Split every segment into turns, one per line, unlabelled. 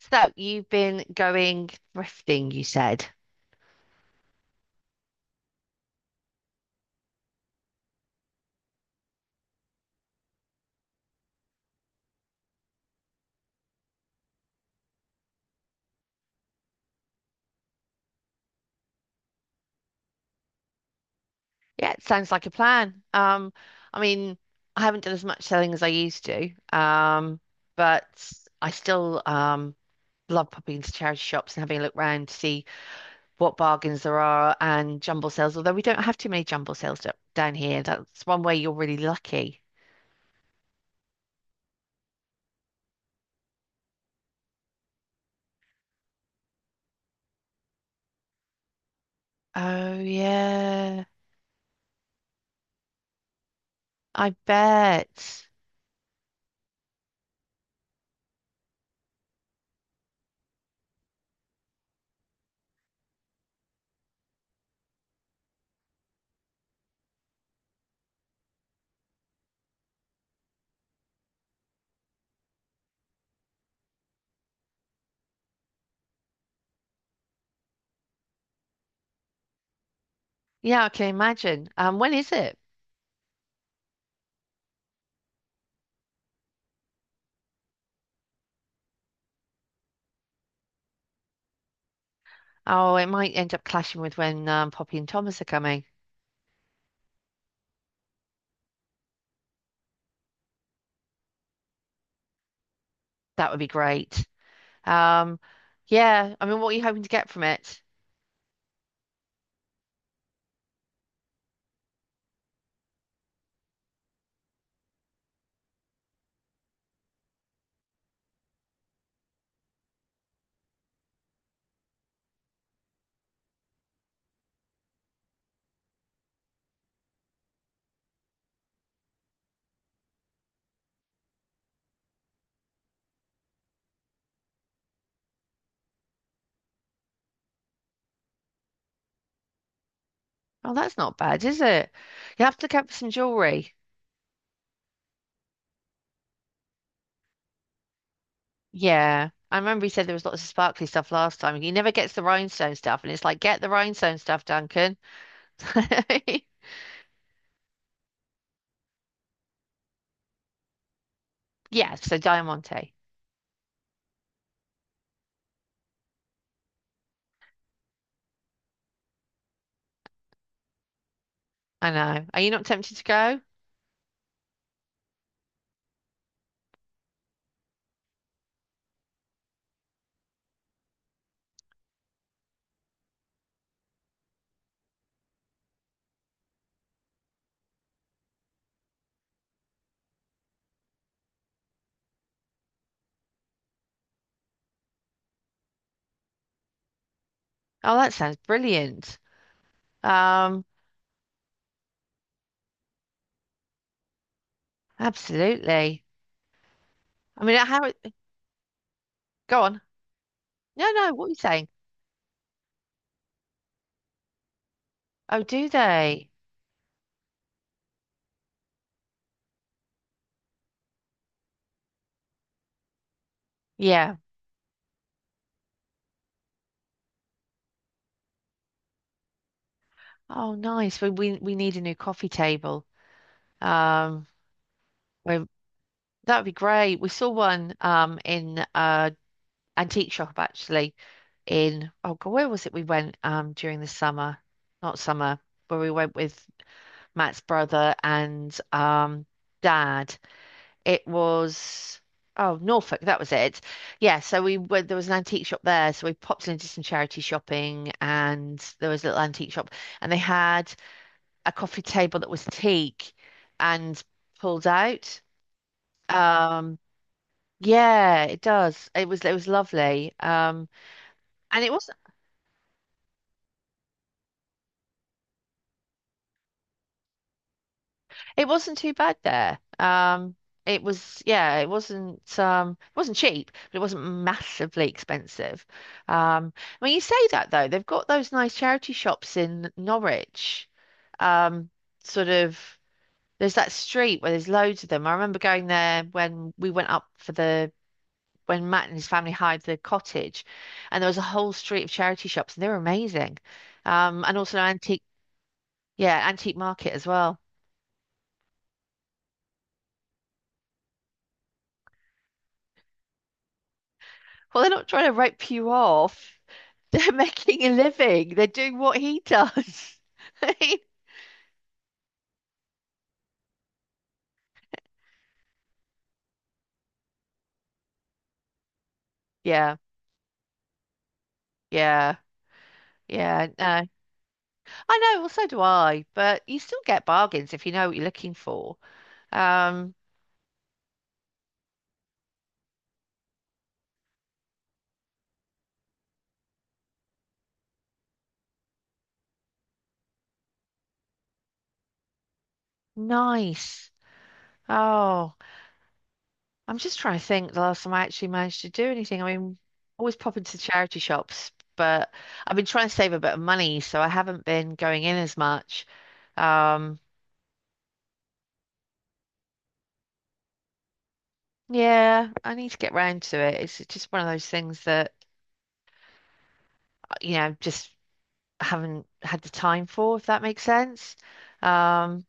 So you've been going thrifting, you said. Yeah, it sounds like a plan. I mean, I haven't done as much selling as I used to, um, but I still love popping into charity shops and having a look round to see what bargains there are and jumble sales, although we don't have too many jumble sales down here. That's one way you're really lucky. Oh, yeah. I bet. Yeah, I can imagine. When is it? Oh, it might end up clashing with when Poppy and Thomas are coming. That would be great. Um, yeah, what are you hoping to get from it? Oh, that's not bad, is it? You have to look out for some jewelry. Yeah. I remember he said there was lots of sparkly stuff last time. He never gets the rhinestone stuff, and it's like, get the rhinestone stuff, Duncan. Yes, so Diamante. I know. Are you not tempted to go? Oh, that sounds brilliant. Um, absolutely. I mean, how, go on. No, no, what are you saying? Oh, do they? Yeah. Oh, nice. We need a new coffee table. Um, we that'd be great. We saw one in antique shop actually in oh God, where was it we went during the summer? Not summer, where we went with Matt's brother and dad. It was oh Norfolk, that was it. Yeah, so we were there was an antique shop there, so we popped into some charity shopping and there was a little antique shop and they had a coffee table that was teak and pulled out. Um yeah, it does. It was lovely. And it was. It wasn't too bad there. It was, yeah, it wasn't cheap, but it wasn't massively expensive. Um, when you say that though, they've got those nice charity shops in Norwich. Um, sort of, there's that street where there's loads of them. I remember going there when we went up for the, when Matt and his family hired the cottage, and there was a whole street of charity shops, and they were amazing. And also an antique, yeah, antique market as well. Well, they're not trying to rip you off. They're making a living. They're doing what he does. I mean, yeah, yeah, yeah. No, I know. Well, so do I. But you still get bargains if you know what you're looking for. Um, nice. Oh, I'm just trying to think the last time I actually managed to do anything. Always pop into charity shops, but I've been trying to save a bit of money, so I haven't been going in as much. Um, yeah, I need to get round to it. It's just one of those things that, you know, just. Haven't had the time for, if that makes sense. Um,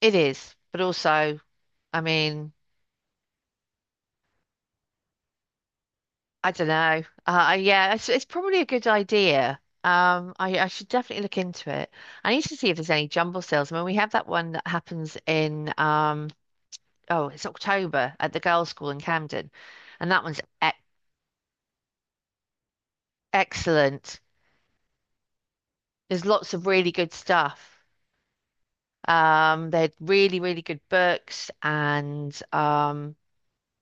it is, but also, I mean, I don't know. Yeah, it's probably a good idea. I should definitely look into it. I need to see if there's any jumble sales. I mean, we have that one that happens oh, it's October at the girls' school in Camden, and that one's e excellent. There's lots of really good stuff. They're really, really good books and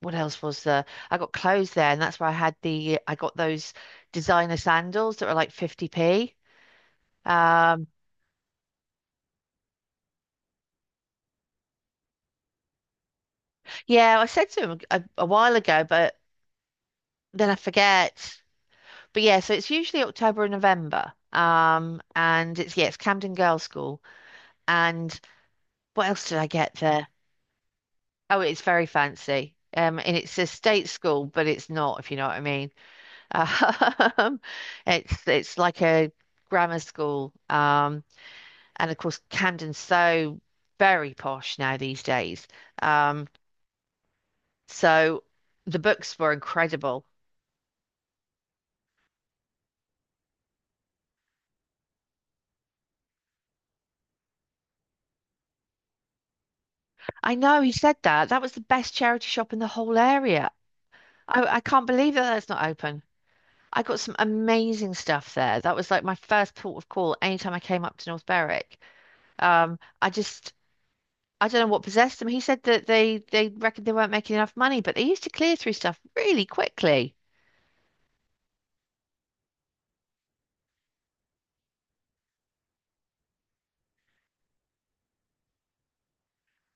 what else was there? I got clothes there, and that's where I had the I got those designer sandals that were like 50p. Um, yeah, I said to him a while ago, but then I forget. But yeah, so it's usually October and November. And it's yeah, it's Camden Girls' School. And what else did I get there? Oh, it's very fancy. And it's a state school, but it's not, if you know what I mean. Um, it's like a grammar school. And of course, Camden's so very posh now these days. Um, so the books were incredible. I know he said that. That was the best charity shop in the whole area. I can't believe that's not open. I got some amazing stuff there. That was like my first port of call anytime I came up to North Berwick. Um, I just I don't know what possessed them. He said that they reckoned they weren't making enough money, but they used to clear through stuff really quickly.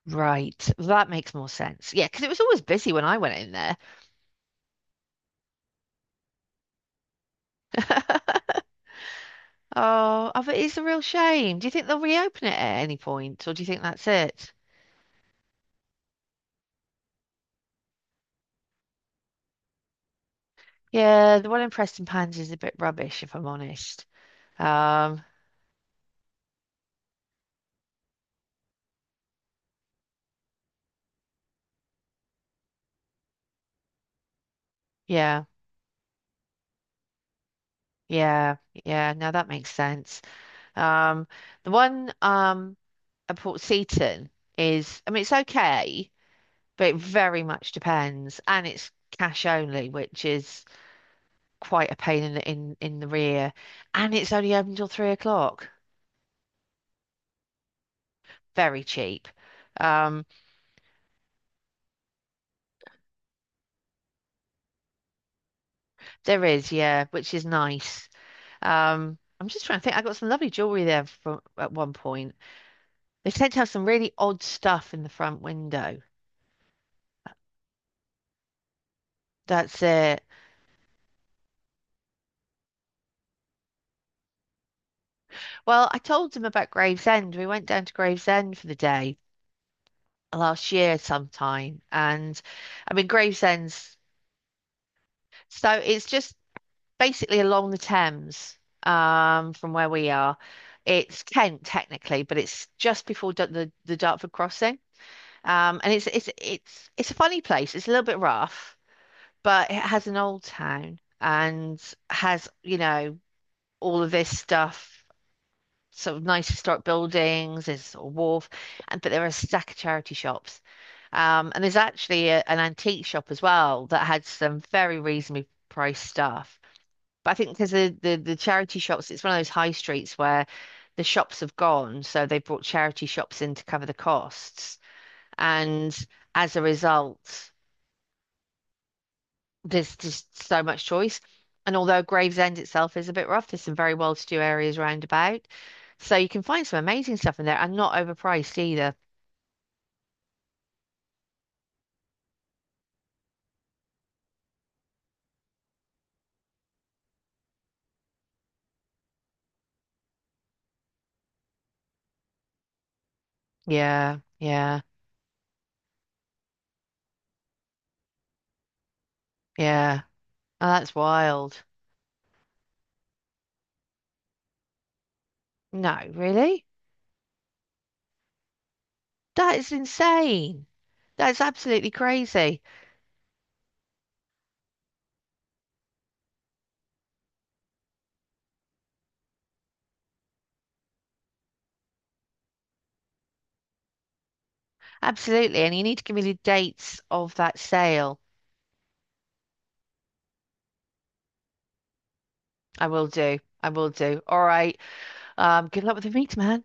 Right, that makes more sense. Yeah, because it was always busy when I went in there. Oh, I bet it's a real shame. Do you think they'll reopen it at any point, or do you think that's it? Yeah, the one in Preston Pans is a bit rubbish, if I'm honest. Um, yeah, yeah, yeah. Now that makes sense. Um, the one at Port Seton is, I mean, it's okay, but it very much depends, and it's cash only, which is quite a pain in the rear, and it's only open till 3 o'clock. Very cheap. Um, There is, yeah, which is nice. I'm just trying to think. I got some lovely jewelry there from at one point. They tend to have some really odd stuff in the front window. That's it. Well, I told them about Gravesend. We went down to Gravesend for the day last year sometime, and I mean Gravesend's. So it's just basically along the Thames, from where we are. It's Kent technically, but it's just before the Dartford crossing. And it's a funny place. It's a little bit rough, but it has an old town and has, you know, all of this stuff, sort of nice historic buildings, there's a wharf, and but there are a stack of charity shops. And there's actually an antique shop as well that had some very reasonably priced stuff. But I think because the charity shops, it's one of those high streets where the shops have gone, so they brought charity shops in to cover the costs. And as a result, there's just so much choice. And although Gravesend itself is a bit rough, there's some very well-to-do areas round about. So you can find some amazing stuff in there and not overpriced either. Yeah, yeah. Oh, that's wild. No, really? That is insane. That's absolutely crazy. Absolutely. And you need to give me the dates of that sale. I will do. I will do. All right. Good luck with the meet, man.